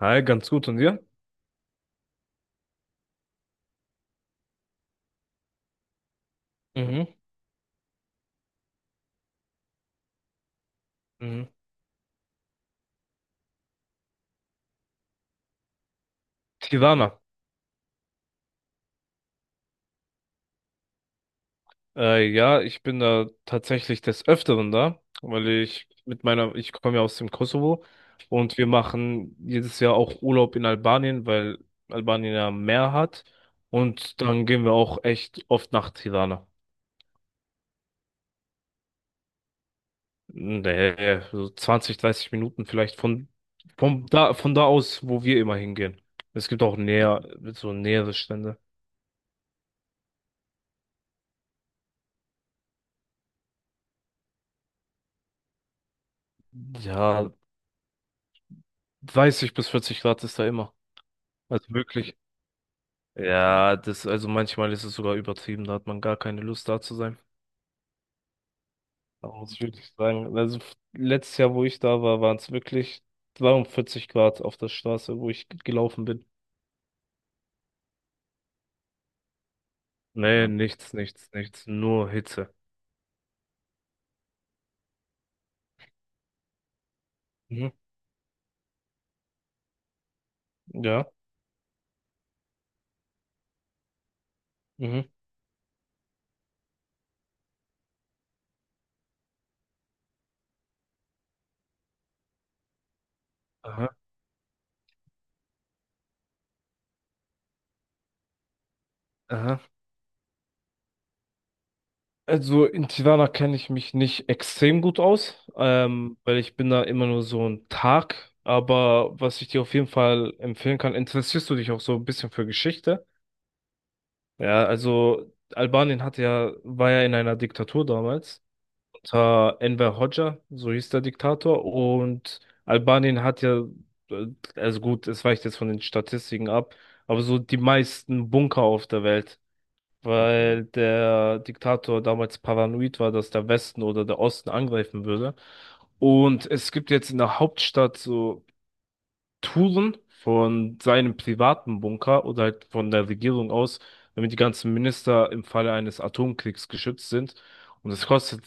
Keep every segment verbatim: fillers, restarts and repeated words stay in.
Hi, ganz gut. Und dir? Mhm, mhm. Tirana. Äh, ja, ich bin da tatsächlich des Öfteren da, weil ich mit meiner, ich komme ja aus dem Kosovo und wir machen jedes Jahr auch Urlaub in Albanien, weil Albanien ja Meer hat. Und dann gehen wir auch echt oft nach Tirana. Nee, so zwanzig, dreißig Minuten vielleicht von, von da, von da aus, wo wir immer hingehen. Es gibt auch näher, so nähere Strände. Ja, dreißig bis vierzig Grad ist da immer. Also wirklich. Ja, das, also manchmal ist es sogar übertrieben, da hat man gar keine Lust da zu sein. Da muss ich wirklich sagen. Also f- letztes Jahr, wo ich da war, waren es wirklich zweiundvierzig Grad auf der Straße, wo ich g- gelaufen bin. Nee, nichts, nichts, nichts. Nur Hitze. Mhm. Ja. Mhm. Aha, aha. Also in Tirana kenne ich mich nicht extrem gut aus, ähm, weil ich bin da immer nur so ein Tag. Aber was ich dir auf jeden Fall empfehlen kann, interessierst du dich auch so ein bisschen für Geschichte? Ja, also Albanien hatte ja, war ja in einer Diktatur damals unter Enver Hoxha, so hieß der Diktator, und Albanien hat ja, äh, also gut, es weicht jetzt von den Statistiken ab, aber so die meisten Bunker auf der Welt. Mhm. Weil der Diktator damals paranoid war, dass der Westen oder der Osten angreifen würde. Und es gibt jetzt in der Hauptstadt so Touren von seinem privaten Bunker oder halt von der Regierung aus, damit die ganzen Minister im Falle eines Atomkriegs geschützt sind. Und das kostet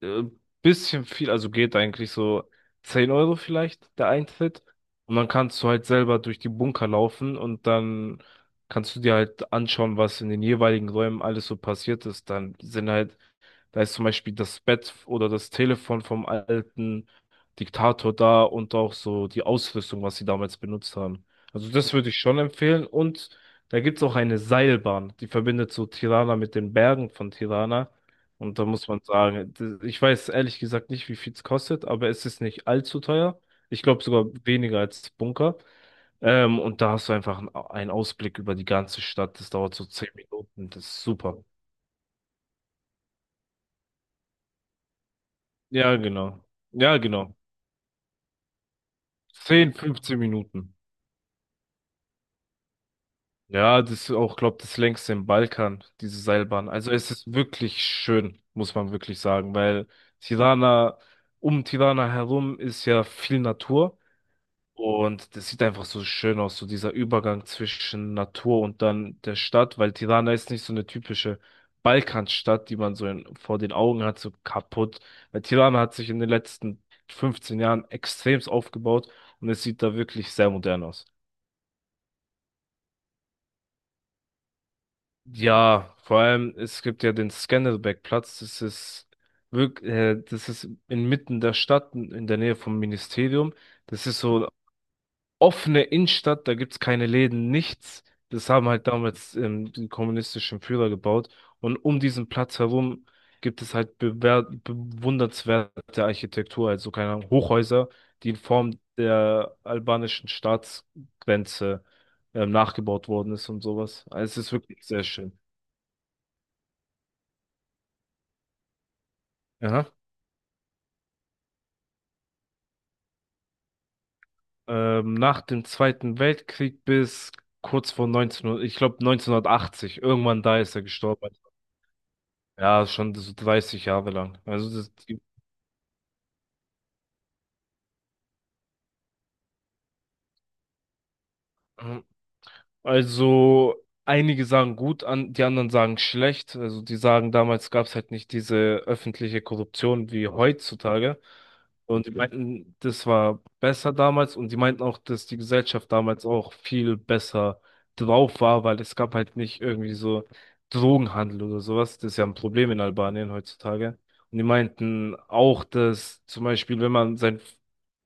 äh, bisschen viel, also geht eigentlich so zehn Euro vielleicht der Eintritt. Und dann kannst du halt selber durch die Bunker laufen und dann kannst du dir halt anschauen, was in den jeweiligen Räumen alles so passiert ist. Dann sind halt da ist zum Beispiel das Bett oder das Telefon vom alten Diktator da und auch so die Ausrüstung, was sie damals benutzt haben. Also das würde ich schon empfehlen. Und da gibt's auch eine Seilbahn, die verbindet so Tirana mit den Bergen von Tirana. Und da muss man sagen, d- ich weiß ehrlich gesagt nicht, wie viel es kostet, aber es ist nicht allzu teuer. Ich glaube sogar weniger als Bunker. Ähm, und da hast du einfach einen Au- einen Ausblick über die ganze Stadt. Das dauert so zehn Minuten. Das ist super. Ja, genau. Ja, genau. zehn, fünfzehn Minuten. Ja, das ist auch, glaube das längste im Balkan, diese Seilbahn. Also es ist wirklich schön, muss man wirklich sagen, weil Tirana, um Tirana herum ist ja viel Natur und das sieht einfach so schön aus, so dieser Übergang zwischen Natur und dann der Stadt, weil Tirana ist nicht so eine typische Balkanstadt, die man so in, vor den Augen hat, so kaputt. Weil Tirana hat sich in den letzten fünfzehn Jahren extremst aufgebaut und es sieht da wirklich sehr modern aus. Ja, vor allem, es gibt ja den Scandelbeck-Platz. Das ist wirklich, äh, das ist inmitten der Stadt, in in der Nähe vom Ministerium. Das ist so offene Innenstadt, da gibt's keine Läden, nichts. Das haben halt damals ähm, die kommunistischen Führer gebaut. Und um diesen Platz herum gibt es halt bewer- bewundernswerte Architektur, also keine Ahnung, Hochhäuser, die in Form der albanischen Staatsgrenze ähm, nachgebaut worden ist und sowas. Also es ist wirklich sehr schön. Ja. Ähm, nach dem Zweiten Weltkrieg bis kurz vor neunzehnhundert, ich glaube neunzehnhundertachtzig, irgendwann da ist er gestorben. Ja, schon so dreißig Jahre lang. Also das, also einige sagen gut an, die anderen sagen schlecht. Also die sagen, damals gab es halt nicht diese öffentliche Korruption wie heutzutage. Und die meinten, das war besser damals und die meinten auch, dass die Gesellschaft damals auch viel besser drauf war, weil es gab halt nicht irgendwie so Drogenhandel oder sowas. Das ist ja ein Problem in Albanien heutzutage. Und die meinten auch, dass zum Beispiel, wenn man sein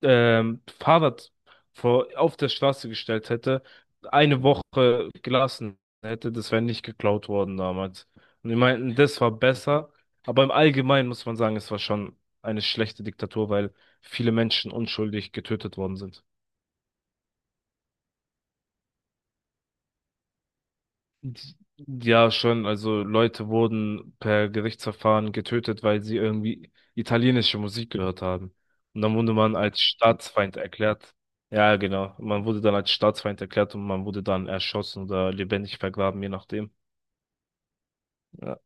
ähm, Fahrrad vor, auf der Straße gestellt hätte, eine Woche gelassen hätte, das wäre nicht geklaut worden damals. Und die meinten, das war besser. Aber im Allgemeinen muss man sagen, es war schon eine schlechte Diktatur, weil viele Menschen unschuldig getötet worden sind. Ja, schon. Also Leute wurden per Gerichtsverfahren getötet, weil sie irgendwie italienische Musik gehört haben. Und dann wurde man als Staatsfeind erklärt. Ja, genau. Man wurde dann als Staatsfeind erklärt und man wurde dann erschossen oder lebendig vergraben, je nachdem. Ja.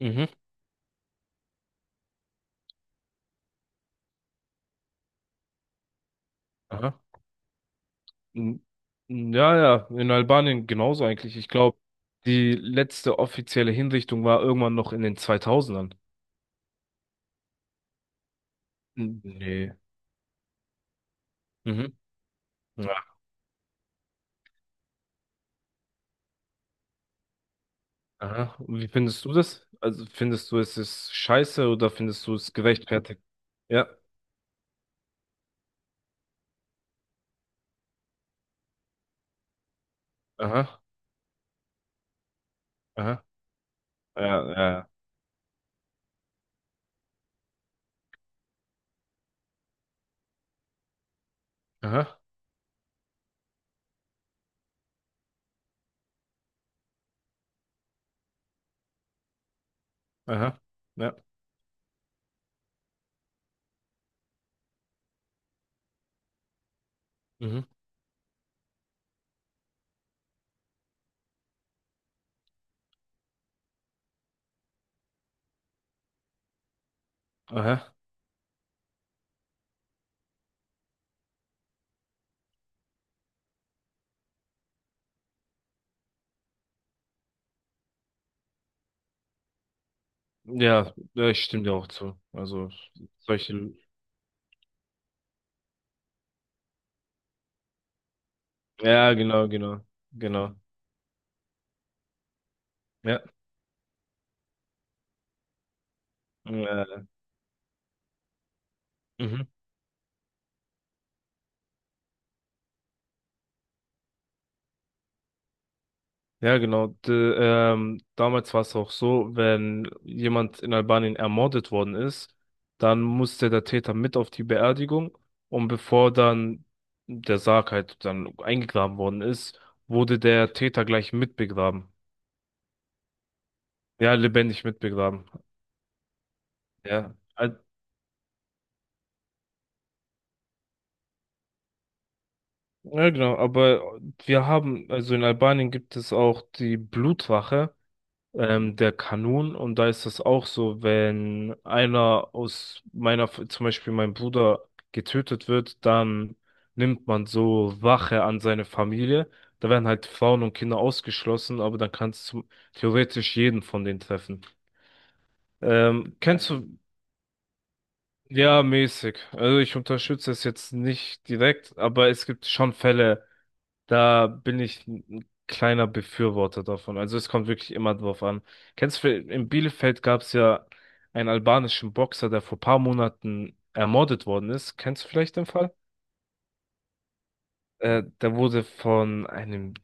Mhm. Aha. N- Ja, ja, in Albanien genauso eigentlich. Ich glaube, die letzte offizielle Hinrichtung war irgendwann noch in den zweitausendern. N- Nee. Mhm. Ja. Aha. Und wie findest du das? Also findest du, es ist scheiße oder findest du es gerechtfertigt? Ja. Aha. Aha. Ja, ja, ja. Aha. Aha. Ja. Mhm. Aha. Ja, ja, ich stimme dir auch zu. Also solche. Ja, genau, genau. Genau. Ja. Ja. Mhm. Ja, genau. D ähm, damals war es auch so, wenn jemand in Albanien ermordet worden ist, dann musste der Täter mit auf die Beerdigung und bevor dann der Sarg halt dann eingegraben worden ist, wurde der Täter gleich mitbegraben. Ja, lebendig mitbegraben. Ja. Al- ja, genau. Aber wir haben, also in Albanien gibt es auch die Blutwache. ähm, der Kanun, und da ist das auch so, wenn einer aus meiner, zum Beispiel mein Bruder getötet wird, dann nimmt man so Wache an seine Familie. Da werden halt Frauen und Kinder ausgeschlossen, aber dann kann es zum- theoretisch jeden von denen treffen. Ähm, kennst du, ja, mäßig. Also ich unterstütze es jetzt nicht direkt, aber es gibt schon Fälle, da bin ich ein kleiner Befürworter davon. Also es kommt wirklich immer drauf an. Kennst du, in Bielefeld gab es ja einen albanischen Boxer, der vor paar Monaten ermordet worden ist. Kennst du vielleicht den Fall? Äh, der wurde von einem,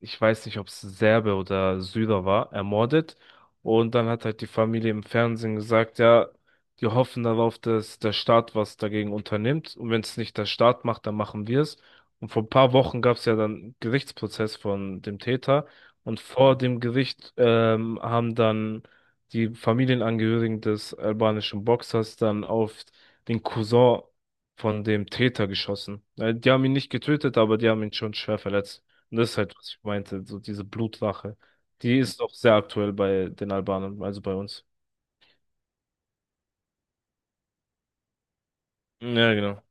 ich weiß nicht, ob es Serbe oder Syrer war, ermordet. Und dann hat halt die Familie im Fernsehen gesagt, ja, die hoffen darauf, dass der Staat was dagegen unternimmt. Und wenn es nicht der Staat macht, dann machen wir es. Und vor ein paar Wochen gab es ja dann einen Gerichtsprozess von dem Täter. Und vor dem Gericht ähm, haben dann die Familienangehörigen des albanischen Boxers dann auf den Cousin von dem Täter geschossen. Äh, Die haben ihn nicht getötet, aber die haben ihn schon schwer verletzt. Und das ist halt, was ich meinte, so diese Blutlache. Die ist auch sehr aktuell bei den Albanern, also bei uns. Ja, genau.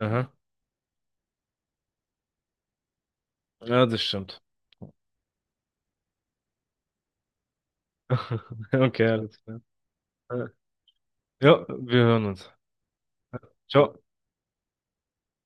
Aha. Ja, das stimmt. Okay, alles klar. Ja, wir hören uns. Ciao.